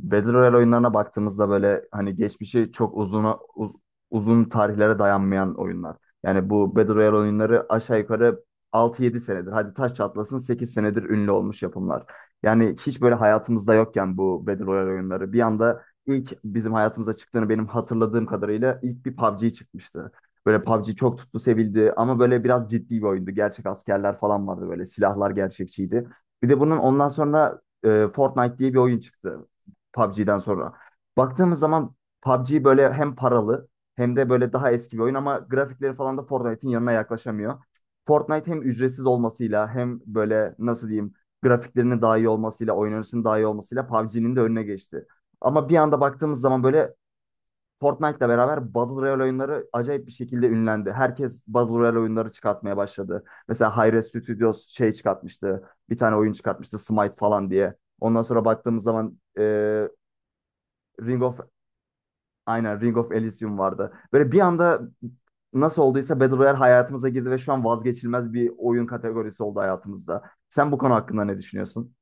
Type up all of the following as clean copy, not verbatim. Battle Royale oyunlarına baktığımızda böyle hani geçmişi çok uzun uzun tarihlere dayanmayan oyunlar. Yani bu Battle Royale oyunları aşağı yukarı altı yedi senedir. Hadi taş çatlasın 8 senedir ünlü olmuş yapımlar. Yani hiç böyle hayatımızda yokken bu Battle Royale oyunları bir anda ilk bizim hayatımıza çıktığını benim hatırladığım kadarıyla ilk bir PUBG çıkmıştı. Böyle PUBG çok tuttu, sevildi ama böyle biraz ciddi bir oyundu. Gerçek askerler falan vardı böyle silahlar gerçekçiydi. Bir de bunun ondan sonra Fortnite diye bir oyun çıktı. PUBG'den sonra. Baktığımız zaman PUBG böyle hem paralı hem de böyle daha eski bir oyun ama grafikleri falan da Fortnite'in yanına yaklaşamıyor. Fortnite hem ücretsiz olmasıyla hem böyle nasıl diyeyim grafiklerinin daha iyi olmasıyla, oynanışının daha iyi olmasıyla PUBG'nin de önüne geçti. Ama bir anda baktığımız zaman böyle Fortnite'la beraber Battle Royale oyunları acayip bir şekilde ünlendi. Herkes Battle Royale oyunları çıkartmaya başladı. Mesela Hi-Rez Studios şey çıkartmıştı. Bir tane oyun çıkartmıştı Smite falan diye. Ondan sonra baktığımız zaman Ring of aynen Ring of Elysium vardı. Böyle bir anda nasıl olduysa Battle Royale hayatımıza girdi ve şu an vazgeçilmez bir oyun kategorisi oldu hayatımızda. Sen bu konu hakkında ne düşünüyorsun?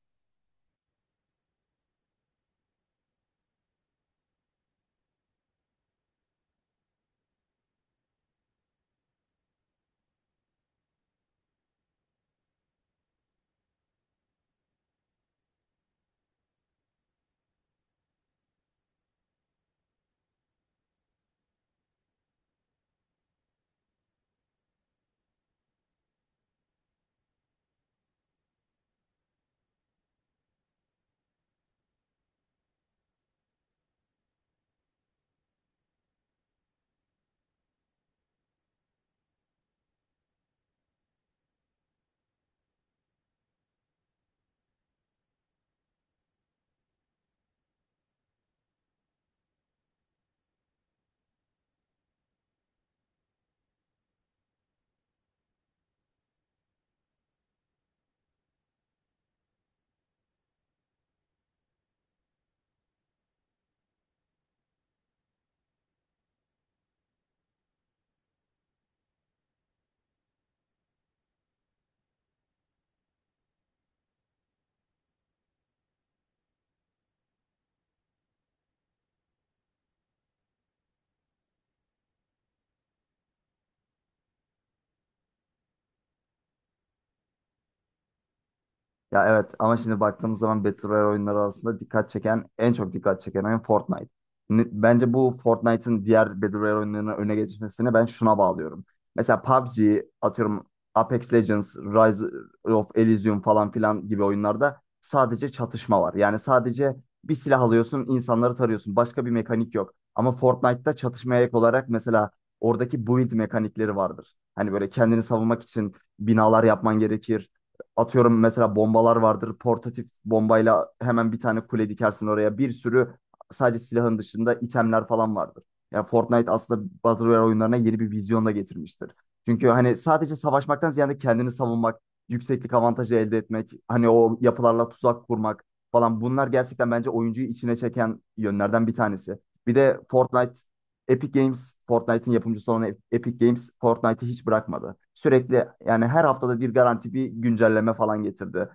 Ya evet ama şimdi baktığımız zaman Battle Royale oyunları arasında dikkat çeken, en çok dikkat çeken oyun Fortnite. Bence bu Fortnite'ın diğer Battle Royale oyunlarına öne geçmesini ben şuna bağlıyorum. Mesela PUBG, atıyorum Apex Legends, Rise of Elysium falan filan gibi oyunlarda sadece çatışma var. Yani sadece bir silah alıyorsun, insanları tarıyorsun. Başka bir mekanik yok. Ama Fortnite'da çatışmaya ek olarak mesela oradaki build mekanikleri vardır. Hani böyle kendini savunmak için binalar yapman gerekir. Atıyorum mesela bombalar vardır. Portatif bombayla hemen bir tane kule dikersin oraya. Bir sürü sadece silahın dışında itemler falan vardır. Ya Fortnite aslında Battle Royale oyunlarına yeni bir vizyon da getirmiştir. Çünkü hani sadece savaşmaktan ziyade kendini savunmak, yükseklik avantajı elde etmek, hani o yapılarla tuzak kurmak falan bunlar gerçekten bence oyuncuyu içine çeken yönlerden bir tanesi. Bir de Fortnite Epic Games Fortnite'in yapımcısı olan Epic Games Fortnite'ı hiç bırakmadı. Sürekli yani her haftada bir garanti bir güncelleme falan getirdi.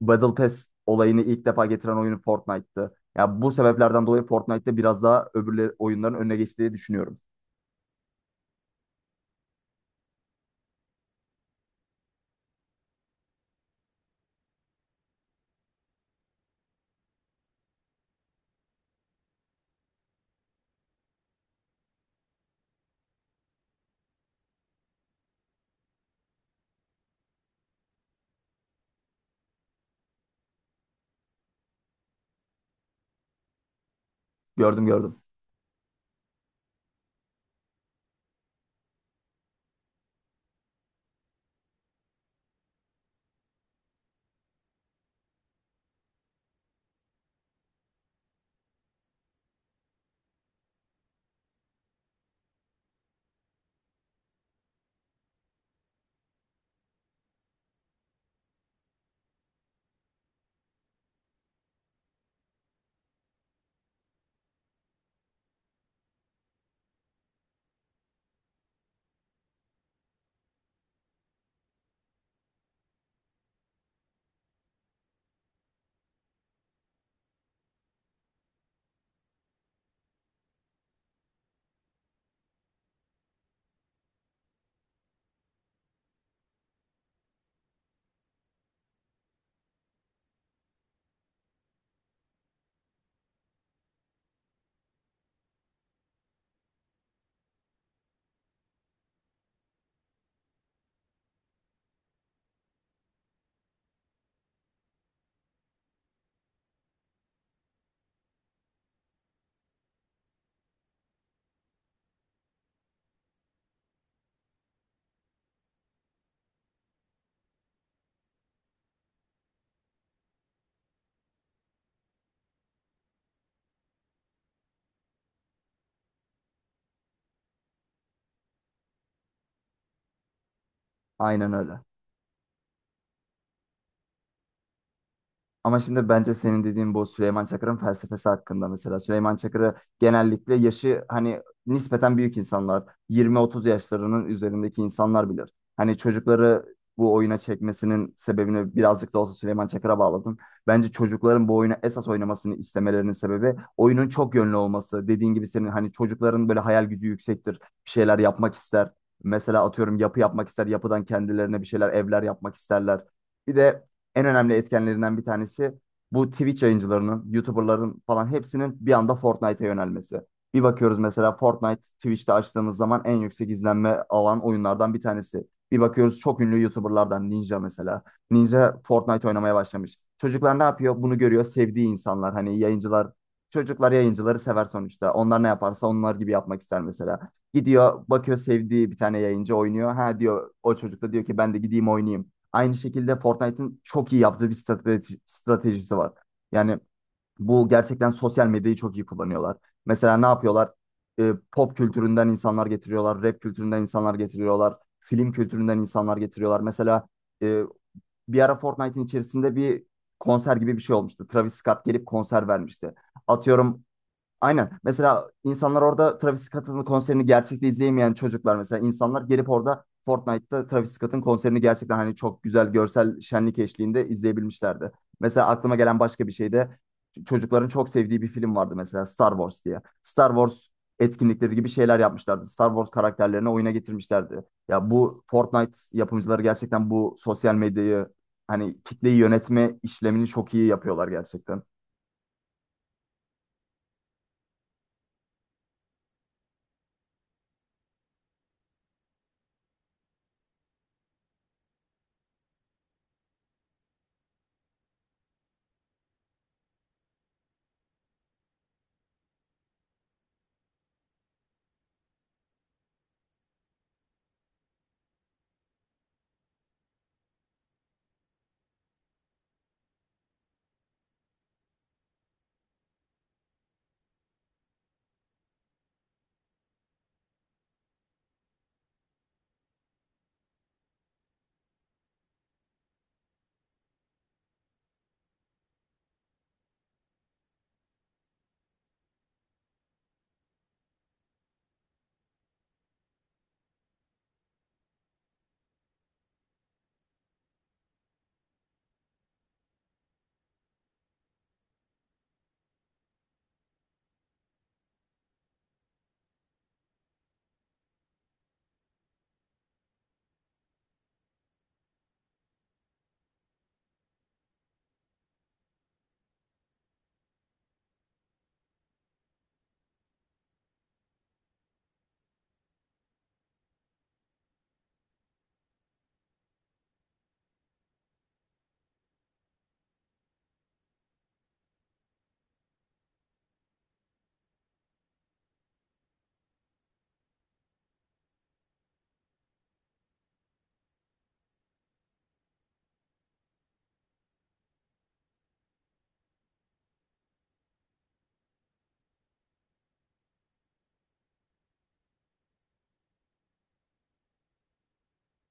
Battle Pass olayını ilk defa getiren oyunu Fortnite'tı. Ya bu sebeplerden dolayı Fortnite'te biraz daha öbürleri oyunların önüne geçtiği düşünüyorum. Gördüm, gördüm. Aynen öyle. Ama şimdi bence senin dediğin bu Süleyman Çakır'ın felsefesi hakkında mesela. Süleyman Çakır'ı genellikle yaşı hani nispeten büyük insanlar, 20-30 yaşlarının üzerindeki insanlar bilir. Hani çocukları bu oyuna çekmesinin sebebini birazcık da olsa Süleyman Çakır'a bağladım. Bence çocukların bu oyunu esas oynamasını istemelerinin sebebi oyunun çok yönlü olması. Dediğin gibi senin hani çocukların böyle hayal gücü yüksektir, bir şeyler yapmak ister. Mesela atıyorum yapı yapmak ister, yapıdan kendilerine bir şeyler, evler yapmak isterler. Bir de en önemli etkenlerinden bir tanesi bu Twitch yayıncılarının, YouTuber'ların falan hepsinin bir anda Fortnite'a yönelmesi. Bir bakıyoruz mesela Fortnite Twitch'te açtığımız zaman en yüksek izlenme alan oyunlardan bir tanesi. Bir bakıyoruz çok ünlü YouTuber'lardan Ninja mesela. Ninja Fortnite oynamaya başlamış. Çocuklar ne yapıyor? Bunu görüyor sevdiği insanlar. Hani yayıncılar, çocuklar yayıncıları sever sonuçta. Onlar ne yaparsa onlar gibi yapmak ister mesela. Gidiyor bakıyor sevdiği bir tane yayıncı oynuyor. Ha diyor o çocuk da diyor ki ben de gideyim oynayayım. Aynı şekilde Fortnite'ın çok iyi yaptığı bir stratejisi var. Yani bu gerçekten sosyal medyayı çok iyi kullanıyorlar. Mesela ne yapıyorlar? Pop kültüründen insanlar getiriyorlar, rap kültüründen insanlar getiriyorlar, film kültüründen insanlar getiriyorlar. Mesela e, bir ara Fortnite'ın içerisinde bir konser gibi bir şey olmuştu. Travis Scott gelip konser vermişti. Atıyorum aynen. Mesela insanlar orada Travis Scott'ın konserini gerçekte izleyemeyen çocuklar mesela insanlar gelip orada Fortnite'ta Travis Scott'ın konserini gerçekten hani çok güzel görsel şenlik eşliğinde izleyebilmişlerdi. Mesela aklıma gelen başka bir şey de çocukların çok sevdiği bir film vardı mesela Star Wars diye. Star Wars etkinlikleri gibi şeyler yapmışlardı. Star Wars karakterlerini oyuna getirmişlerdi. Ya bu Fortnite yapımcıları gerçekten bu sosyal medyayı hani kitleyi yönetme işlemini çok iyi yapıyorlar gerçekten.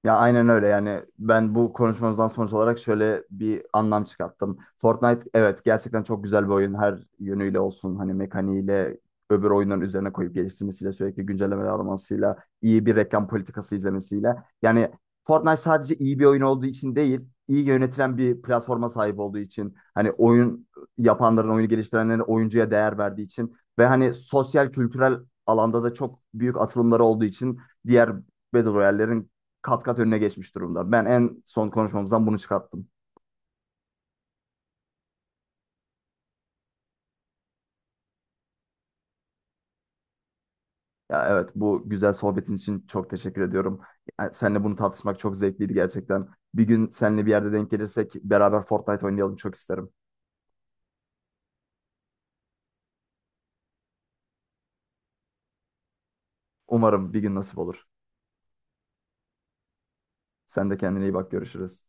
Ya aynen öyle yani ben bu konuşmamızdan sonuç olarak şöyle bir anlam çıkarttım. Fortnite evet gerçekten çok güzel bir oyun her yönüyle olsun hani mekaniğiyle öbür oyunların üzerine koyup geliştirmesiyle sürekli güncellemeler almasıyla iyi bir reklam politikası izlemesiyle. Yani Fortnite sadece iyi bir oyun olduğu için değil iyi yönetilen bir platforma sahip olduğu için hani oyun yapanların oyunu geliştirenlerin oyuncuya değer verdiği için ve hani sosyal kültürel alanda da çok büyük atılımları olduğu için diğer Battle Royale'lerin kat kat önüne geçmiş durumda. Ben en son konuşmamızdan bunu çıkarttım. Ya evet bu güzel sohbetin için çok teşekkür ediyorum. Yani seninle bunu tartışmak çok zevkliydi gerçekten. Bir gün seninle bir yerde denk gelirsek beraber Fortnite oynayalım çok isterim. Umarım bir gün nasip olur. Sen de kendine iyi bak, görüşürüz.